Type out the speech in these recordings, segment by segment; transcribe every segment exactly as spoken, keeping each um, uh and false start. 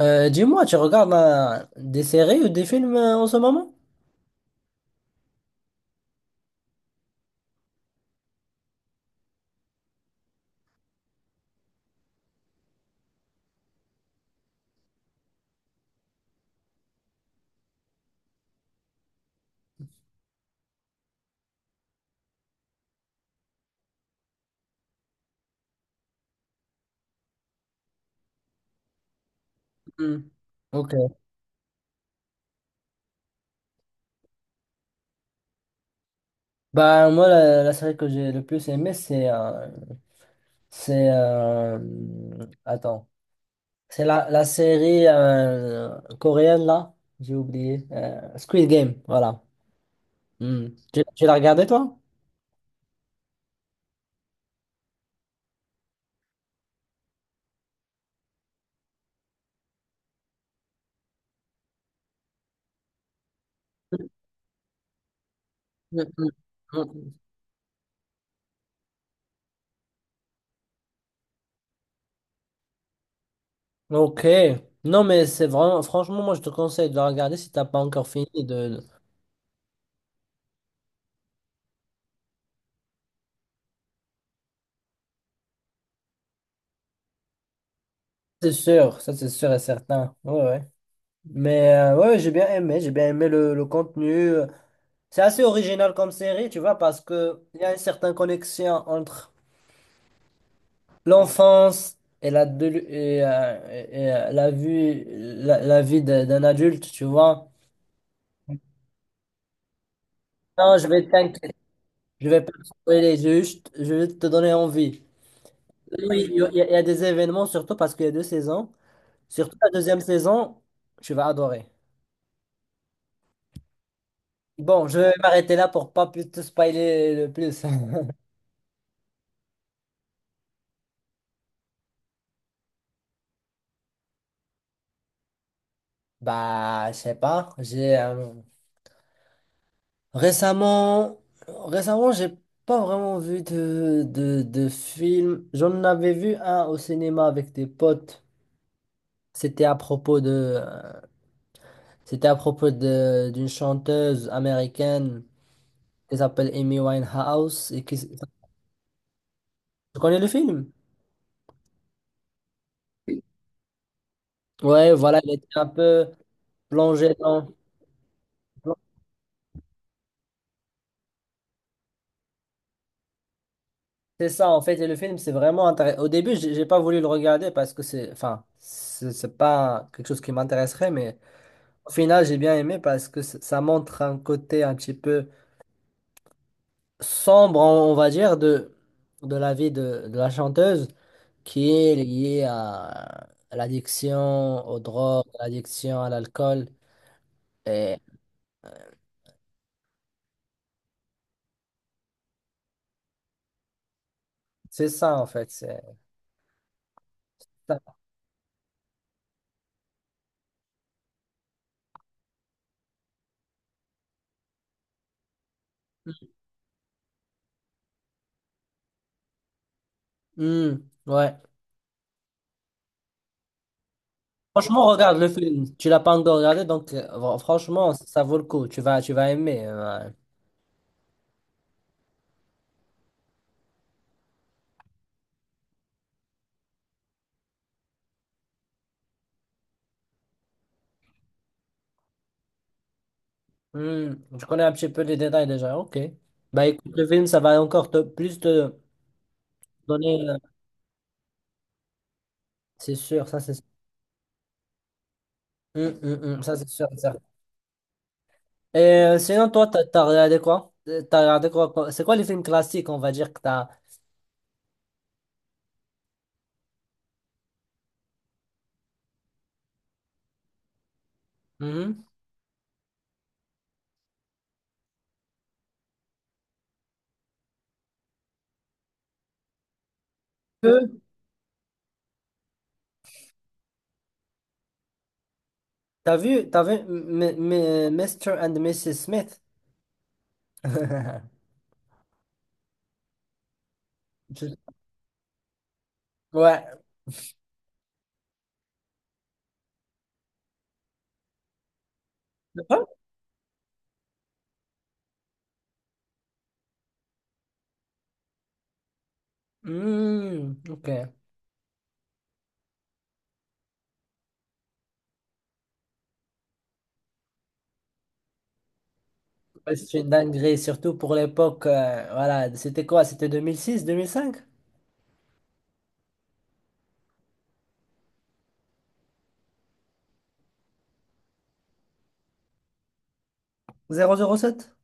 Euh, dis-moi, tu regardes euh, des séries ou des films euh, en ce moment? Hmm. Ok. Bah moi la, la série que j'ai le plus aimée c'est euh, c'est euh, attends, c'est la, la série euh, coréenne là j'ai oublié, euh, Squid Game, voilà. Hmm. Tu, tu l'as regardée toi? Hmm, hmm, hmm. Ok. Non mais c'est vraiment franchement, moi je te conseille de la regarder si t'as pas encore fini de. C'est sûr, ça c'est sûr et certain. Ouais, ouais. Mais euh, ouais, j'ai bien aimé, j'ai bien aimé le, le contenu. C'est assez original comme série, tu vois, parce que il y a une certaine connexion entre l'enfance et la, de- et, euh, et, et, euh, la vie, la, la vie de- d'un adulte, tu vois. Non, je vais t'inquiéter, je vais pas te spoiler, je vais juste, je vais te donner envie. Oui, il y a, il y a, il y a des événements, surtout parce qu'il y a deux saisons. Surtout la deuxième saison, tu vas adorer. Bon, je vais m'arrêter là pour pas plus te spoiler le plus. Bah, je sais pas. J'ai euh, récemment, récemment, j'ai pas vraiment vu de, de, de film. J'en avais vu un au cinéma avec des potes. C'était à propos de, euh, c'était à propos de d'une chanteuse américaine qui s'appelle Amy Winehouse et qui. Tu connais le film? Ouais, voilà, il était un peu plongé dans. C'est ça en fait, et le film c'est vraiment intéressant. Au début, j'ai j'ai pas voulu le regarder parce que c'est, enfin, c'est c'est pas quelque chose qui m'intéresserait, mais au final j'ai bien aimé parce que c- ça montre un côté un petit peu sombre, on on va dire, de, de la vie de, de la chanteuse qui est liée à, à l'addiction aux drogues, à l'addiction à l'alcool, et c'est ça en fait. C'est ça. Hmm, ouais. Franchement, regarde le film. Tu l'as pas encore regardé, donc euh, fr- franchement, ça vaut le coup. Tu vas, tu vas aimer. Euh, ouais. Hmm, je connais un petit peu les détails déjà. Ok. Bah écoute, le film, ça va encore te- plus te donner. euh, C'est sûr, ça c'est sûr. Hmm, hmm, hmm, ça c'est sûr. C'est sûr. Et euh, sinon, toi, t'as, t'as regardé quoi? Euh, T'as regardé quoi? quoi C'est quoi les films classiques, on va dire, que t'as. Mhm. Que- T'as vu, t'as vu M- M- M- monsieur and madame Smith? Je- Ouais. Hmm, ok. Ouais, c'est une dinguerie, surtout pour l'époque. Euh, voilà, c'était quoi? C'était deux deux mille mille six deux mille cinq zéro zéro sept.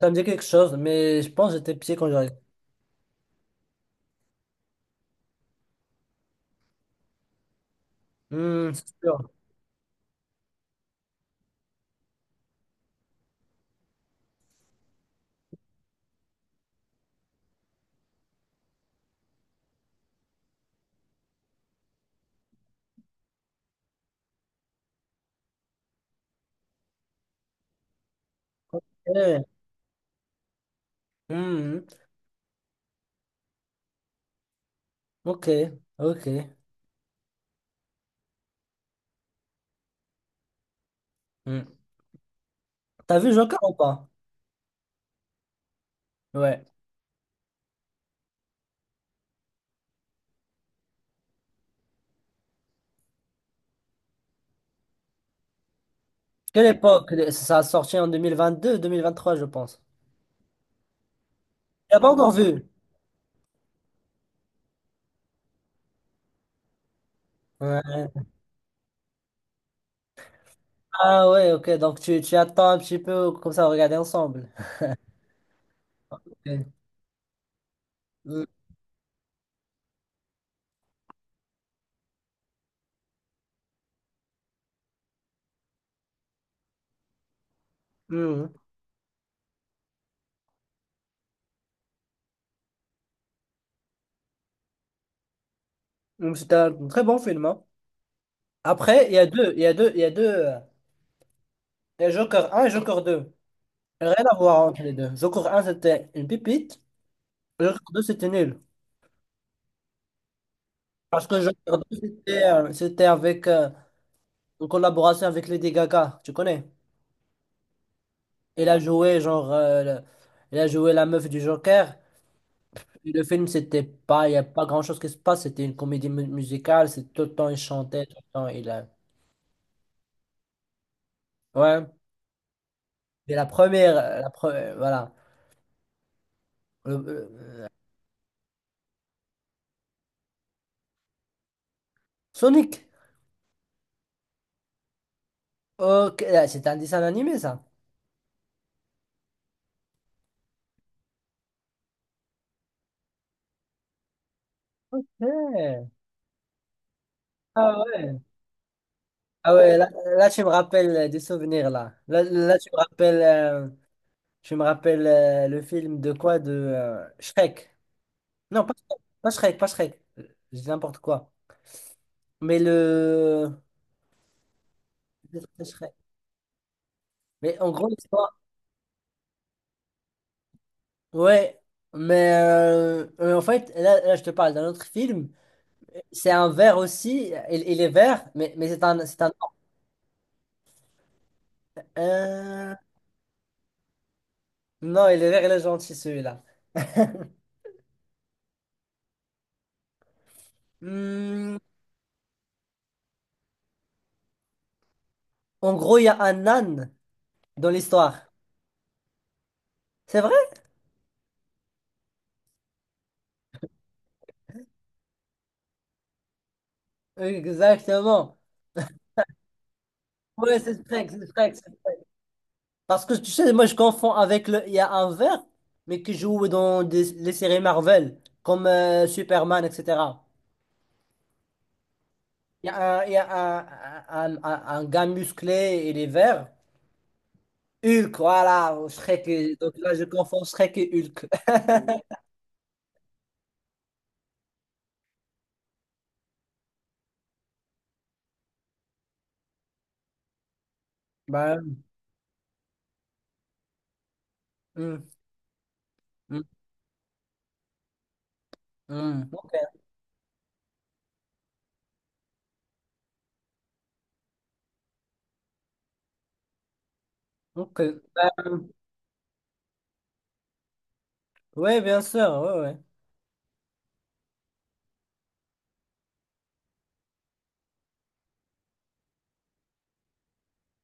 Ça me dit quelque chose, mais je pense que j'étais pied quand j'arrive. Hmm, c'est sûr. Eh, hmm, ok, ok. Hmm. T'as vu Joker ou pas? Ouais. Quelle époque? Ça a sorti en deux mille vingt-deux, deux mille vingt-trois, je pense. T'as pas encore vu? Ouais. Ah ouais, ok, donc tu, tu attends un petit peu, comme ça, on regarder ensemble. Ok. Hmm, hmm. Hmm, c'était un très bon film, hein. Après, il y a deux, il y a deux, il y a deux. Euh, Il y a Joker un et Joker deux. Rien à voir entre les deux. Joker un c'était une pipite. Joker deux c'était nul. Parce que je regardais, c'était euh, c'était avec euh, en collaboration avec Lady Gaga, tu connais? Elle a joué genre euh, le- elle a joué la meuf du Joker. Et le film c'était pas, il y a pas grand-chose qui se passe, c'était une comédie mu- musicale, c'est tout le temps il chantait, tout le temps il euh, ouais. Et la première euh, la pre- euh, voilà, Le- le- Sonic. OK, là, c'est un dessin animé ça. Ouais. Ah ouais. Ah ouais, là, là, tu me rappelles euh, des souvenirs là. Là, là, tu me rappelles euh, je me rappelle euh, le film de quoi? De euh, Shrek. Non, pas Shrek, pas Shrek, pas Shrek. Euh, Je dis n'importe quoi. Mais le... peut-être pas Shrek. Mais en gros, l'histoire... Ouais. Mais euh, euh, en fait, là, là, je te parle d'un autre film. C'est un vert aussi. Il, il est vert, mais, mais c'est un... C'est un... Euh, Non, il est vert, il est gentil, celui-là. Hmm, en gros, il y a un âne dans l'histoire. C'est vrai? Exactement. Ouais, c'est Shrek, c'est Shrek. Parce que tu sais, moi je confonds avec le. Il y a un vert, mais qui joue dans des- les séries Marvel, comme euh, Superman, et cetera. Il y a un, il y a un, un, un, un- un gars musclé, il est vert. Hulk, voilà, Shrek. et- Donc là, je confonds Shrek et Hulk. Ben, hum, hum, hum. Ok, ok. Ben, ouais, bien sûr, ouais, ouais.